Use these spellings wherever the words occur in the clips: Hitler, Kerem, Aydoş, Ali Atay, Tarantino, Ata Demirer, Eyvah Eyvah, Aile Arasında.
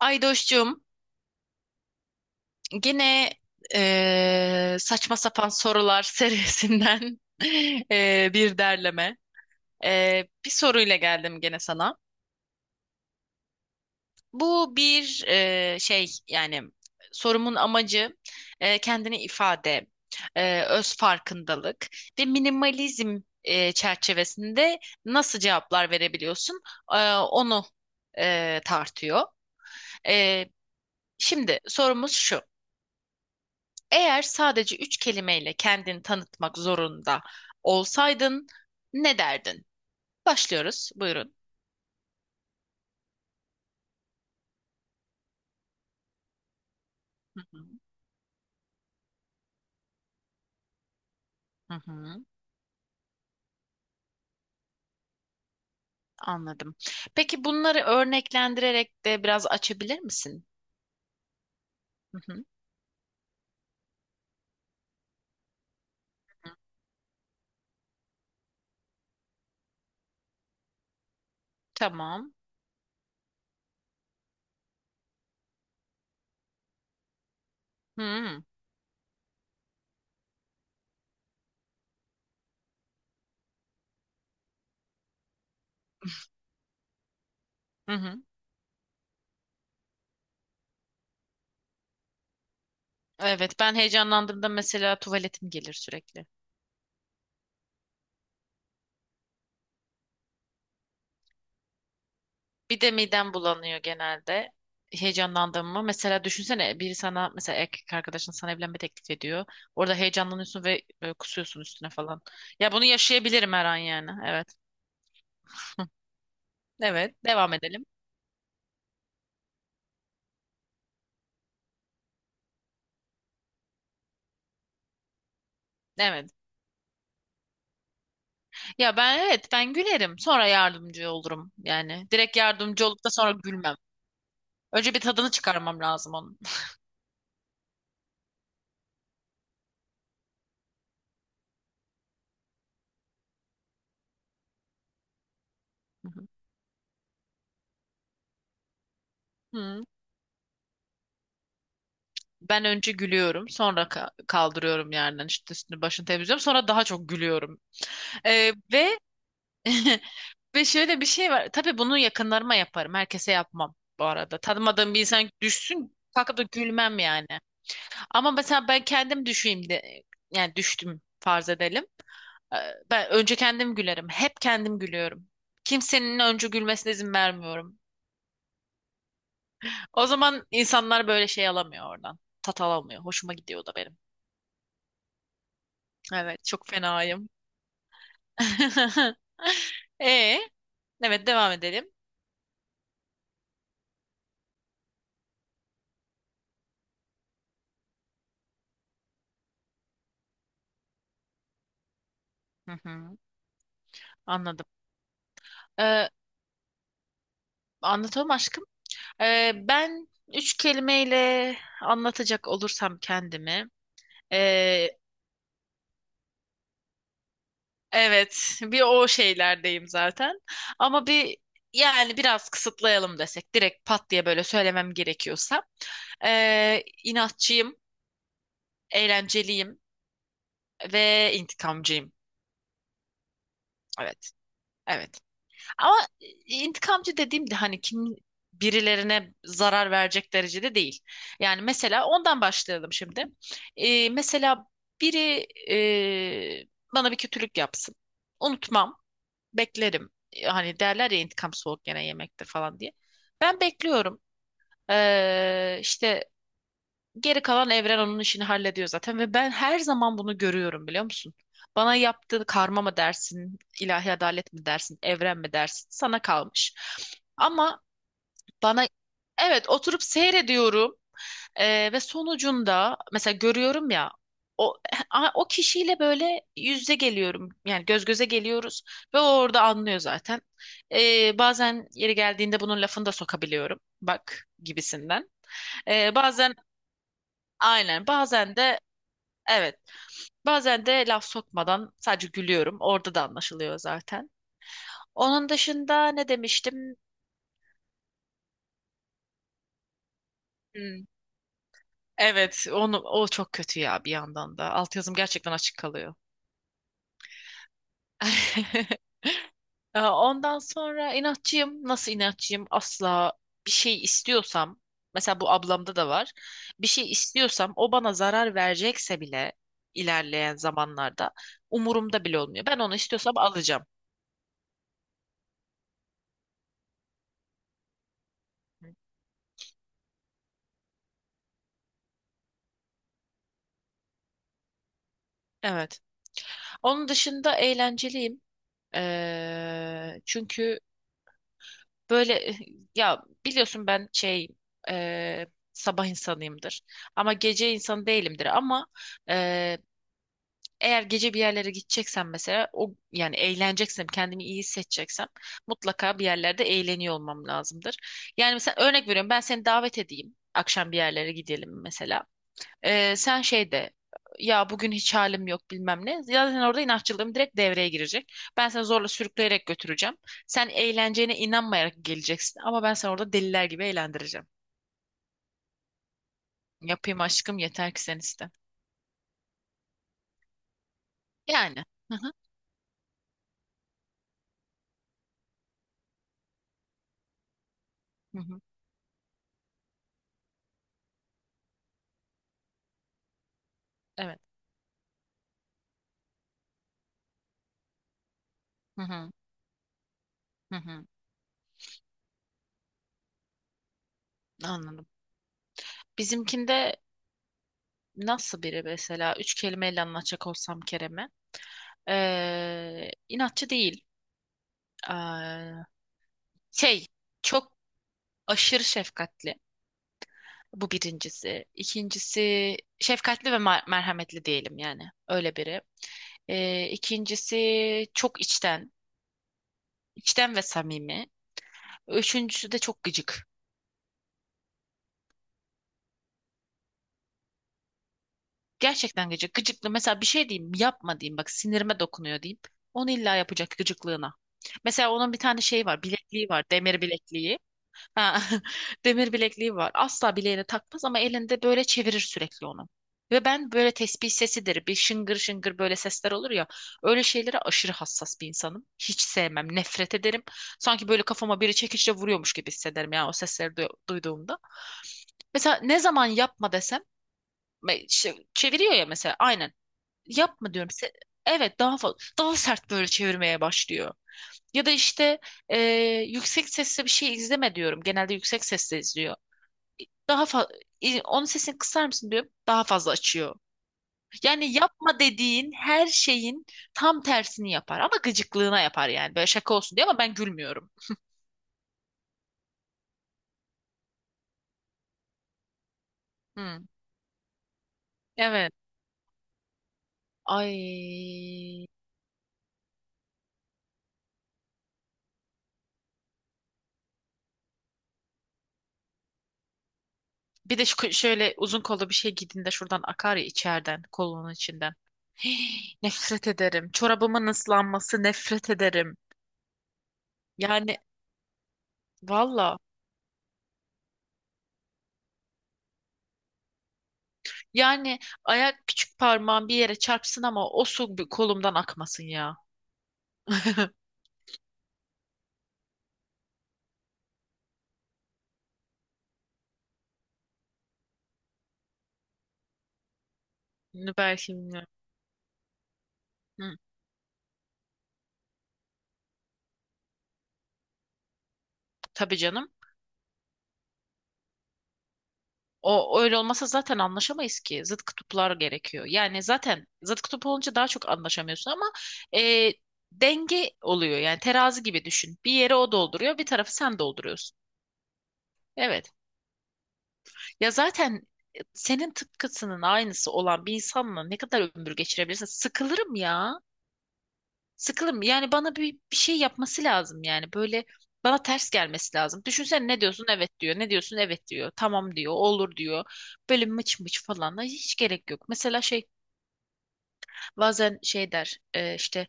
Aydoş'cum, gene saçma sapan sorular serisinden bir derleme. Bir soruyla geldim gene sana. Bu bir şey, yani sorumun amacı kendini ifade, öz farkındalık ve minimalizm çerçevesinde nasıl cevaplar verebiliyorsun, onu tartıyor. Eee, Şimdi sorumuz şu. Eğer sadece üç kelimeyle kendini tanıtmak zorunda olsaydın ne derdin? Başlıyoruz. Buyurun. Hı hı. Hı hı. Anladım. Peki bunları örneklendirerek de biraz açabilir misin? Hı hı. Hı. Tamam. Hı hı. Hı hı. Evet, ben heyecanlandığımda mesela tuvaletim gelir sürekli. Bir de midem bulanıyor genelde. Heyecanlandım mı? Mesela düşünsene, biri sana, mesela erkek arkadaşın sana evlenme teklif ediyor. Orada heyecanlanıyorsun ve böyle kusuyorsun üstüne falan. Ya bunu yaşayabilirim her an yani. Evet. Evet. Devam edelim. Evet. Ya ben, evet, ben gülerim. Sonra yardımcı olurum yani. Direkt yardımcı olup da sonra gülmem. Önce bir tadını çıkarmam lazım onun. Hı hı. Hı. Ben önce gülüyorum, sonra kaldırıyorum yerden, işte üstünü başını temizliyorum, sonra daha çok gülüyorum. Ve Ve şöyle bir şey var. Tabii bunu yakınlarıma yaparım. Herkese yapmam bu arada. Tanımadığım bir insan düşsün kalkıp da gülmem yani. Ama mesela ben kendim düşeyim de, yani düştüm farz edelim. Ee, Ben önce kendim gülerim. Hep kendim gülüyorum. Kimsenin önce gülmesine izin vermiyorum. O zaman insanlar böyle şey alamıyor oradan. Tat alamıyor. Hoşuma gidiyor o da benim. Evet, çok fenayım. E, evet, devam edelim. Hı hı. Anladım. Ee, Anlatamam aşkım. Ben üç kelimeyle anlatacak olursam kendimi. ee, evet, bir o şeylerdeyim zaten. Ama bir, yani biraz kısıtlayalım desek, direkt pat diye böyle söylemem gerekiyorsa. İnatçıyım, eğlenceliyim ve intikamcıyım. Evet, evet. Ama intikamcı dediğim de hani kim birilerine zarar verecek derecede değil. Yani mesela ondan başlayalım şimdi. Mesela biri e, bana bir kötülük yapsın. Unutmam, beklerim. Hani derler ya, intikam soğuk gene yemektir falan diye. Ben bekliyorum. İşte geri kalan evren onun işini hallediyor zaten ve ben her zaman bunu görüyorum, biliyor musun? Bana yaptığı karma mı dersin, ilahi adalet mi dersin, evren mi dersin? Sana kalmış. Ama bana evet, oturup seyrediyorum. Ve sonucunda mesela görüyorum ya, o o kişiyle böyle yüzde geliyorum, yani göz göze geliyoruz ve o orada anlıyor zaten. Bazen yeri geldiğinde bunun lafını da sokabiliyorum, bak gibisinden. Bazen Aynen. Bazen de evet. Bazen de laf sokmadan sadece gülüyorum. Orada da anlaşılıyor zaten. Onun dışında ne demiştim? Hmm, evet, onu o çok kötü ya, bir yandan da. Altyazım gerçekten açık kalıyor. Ondan sonra inatçıyım. Nasıl inatçıyım? Asla bir şey istiyorsam, mesela bu ablamda da var. Bir şey istiyorsam, o bana zarar verecekse bile, ilerleyen zamanlarda umurumda bile olmuyor. Ben onu istiyorsam alacağım. Evet. Onun dışında eğlenceliyim. Çünkü böyle ya biliyorsun, ben şey, eee, sabah insanıyımdır. Ama gece insanı değilimdir. Ama eee, eğer gece bir yerlere gideceksem mesela, o yani eğleneceksem, kendimi iyi hissedeceksem, mutlaka bir yerlerde eğleniyor olmam lazımdır. Yani mesela örnek veriyorum, ben seni davet edeyim. Akşam bir yerlere gidelim mesela. Sen şey de, ya bugün hiç halim yok bilmem ne. Zaten orada inatçılığım direkt devreye girecek. Ben seni zorla sürükleyerek götüreceğim. Sen eğleneceğine inanmayarak geleceksin ama ben seni orada deliler gibi eğlendireceğim. Yapayım aşkım, yeter ki sen iste. Yani. Hı hı. Hı hı. Evet. Hı hı. Hı hı. Anladım. Bizimkinde nasıl biri, mesela üç kelimeyle anlatacak olsam Kerem'e, inatçı değil. Ee, Şey, çok aşırı şefkatli. Bu birincisi. İkincisi şefkatli ve merhametli diyelim yani. Öyle biri. İkincisi çok içten, içten ve samimi. Üçüncüsü de çok gıcık. Gerçekten gıcık. Gıcıklı. Mesela bir şey diyeyim, yapma diyeyim. Bak, sinirime dokunuyor diyeyim. Onu illa yapacak gıcıklığına. Mesela onun bir tane şeyi var, bilekliği var, demir bilekliği. Ha, demir bilekliği var. Asla bileğine takmaz ama elinde böyle çevirir sürekli onu. Ve ben böyle tesbih sesidir, bir şıngır şıngır böyle sesler olur ya. Öyle şeylere aşırı hassas bir insanım. Hiç sevmem, nefret ederim. Sanki böyle kafama biri çekiçle vuruyormuş gibi hissederim ya o sesleri duyduğumda. Mesela ne zaman yapma desem, işte çeviriyor ya mesela, aynen. Yapma diyorum. Evet, daha fazla, daha sert böyle çevirmeye başlıyor. Ya da işte, e, yüksek sesle bir şey izleme diyorum. Genelde yüksek sesle izliyor. Daha fa Onun sesini kısar mısın diyor. Daha fazla açıyor. Yani yapma dediğin her şeyin tam tersini yapar ama gıcıklığına yapar yani. Böyle şaka olsun diye, ama ben gülmüyorum. Hı. Evet. Ay. Bir de şöyle uzun kollu bir şey giydiğinde şuradan akar ya içeriden, kolunun içinden. Hii. Nefret ederim. Çorabımın ıslanması nefret ederim. Yani valla. Yani ayak küçük parmağım bir yere çarpsın ama o su bir kolumdan akmasın ya. Bunu belki bilmiyorum. Hı. Tabii canım. O öyle olmasa zaten anlaşamayız ki. Zıt kutuplar gerekiyor. Yani zaten zıt kutup olunca daha çok anlaşamıyorsun ama, e, denge oluyor. Yani terazi gibi düşün. Bir yere o dolduruyor, bir tarafı sen dolduruyorsun. Evet. Ya zaten senin tıpkısının aynısı olan bir insanla ne kadar ömür geçirebilirsin? Sıkılırım ya. Sıkılırım. Yani bana bir şey yapması lazım yani. Böyle bana ters gelmesi lazım. Düşünsene, ne diyorsun? Evet diyor. Ne diyorsun? Evet diyor. Tamam diyor. Olur diyor. Böyle mıç mıç falan. Ay, hiç gerek yok. Mesela şey, bazen şey der, işte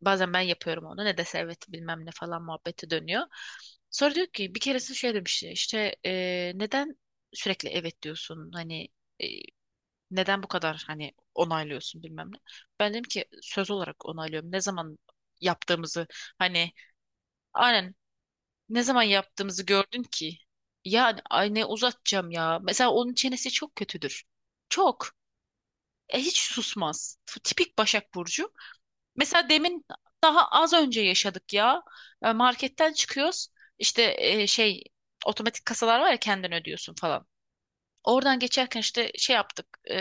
bazen ben yapıyorum onu. Ne dese evet bilmem ne falan muhabbeti dönüyor. Sonra diyor ki, bir keresinde şey demiş işte, neden sürekli evet diyorsun? Hani, e, neden bu kadar hani onaylıyorsun bilmem ne. Ben dedim ki söz olarak onaylıyorum. Ne zaman yaptığımızı, hani, aynen, ne zaman yaptığımızı gördün ki? Yani ay, ne uzatacağım ya. Mesela onun çenesi çok kötüdür. Çok. Hiç susmaz. Tipik Başak Burcu. Mesela demin, daha az önce yaşadık ya. Marketten çıkıyoruz. İşte, şey, otomatik kasalar var ya, kendin ödüyorsun falan. Oradan geçerken işte şey yaptık. e,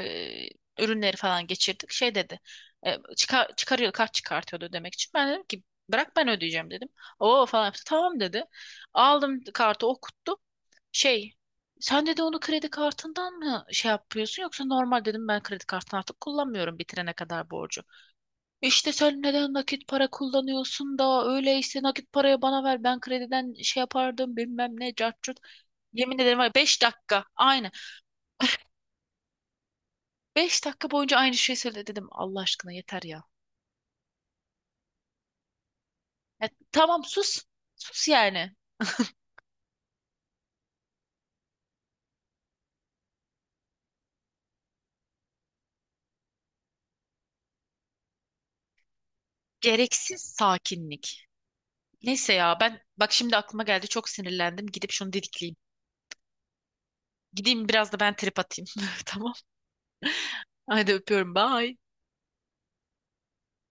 Ürünleri falan geçirdik. Şey dedi. Çıkar, çıkarıyor, kart çıkartıyordu demek için. Ben dedim ki, bırak ben ödeyeceğim dedim. O falan yaptı. Tamam dedi. Aldım, kartı okuttu. Şey, sen dedi, onu kredi kartından mı şey yapıyorsun yoksa normal? Dedim, ben kredi kartını artık kullanmıyorum bitirene kadar borcu. İşte sen neden nakit para kullanıyorsun da, öyleyse nakit parayı bana ver, ben krediden şey yapardım bilmem ne cart curt. Yemin ederim, var 5 dakika aynı. Beş dakika boyunca aynı şeyi söyledi dedim. Allah aşkına yeter ya. Ya tamam, sus. Sus yani. Gereksiz sakinlik. Neyse ya, ben bak şimdi aklıma geldi, çok sinirlendim. Gidip şunu dedikleyeyim. Gideyim biraz da ben trip atayım. Tamam. Hadi öpüyorum. Bye.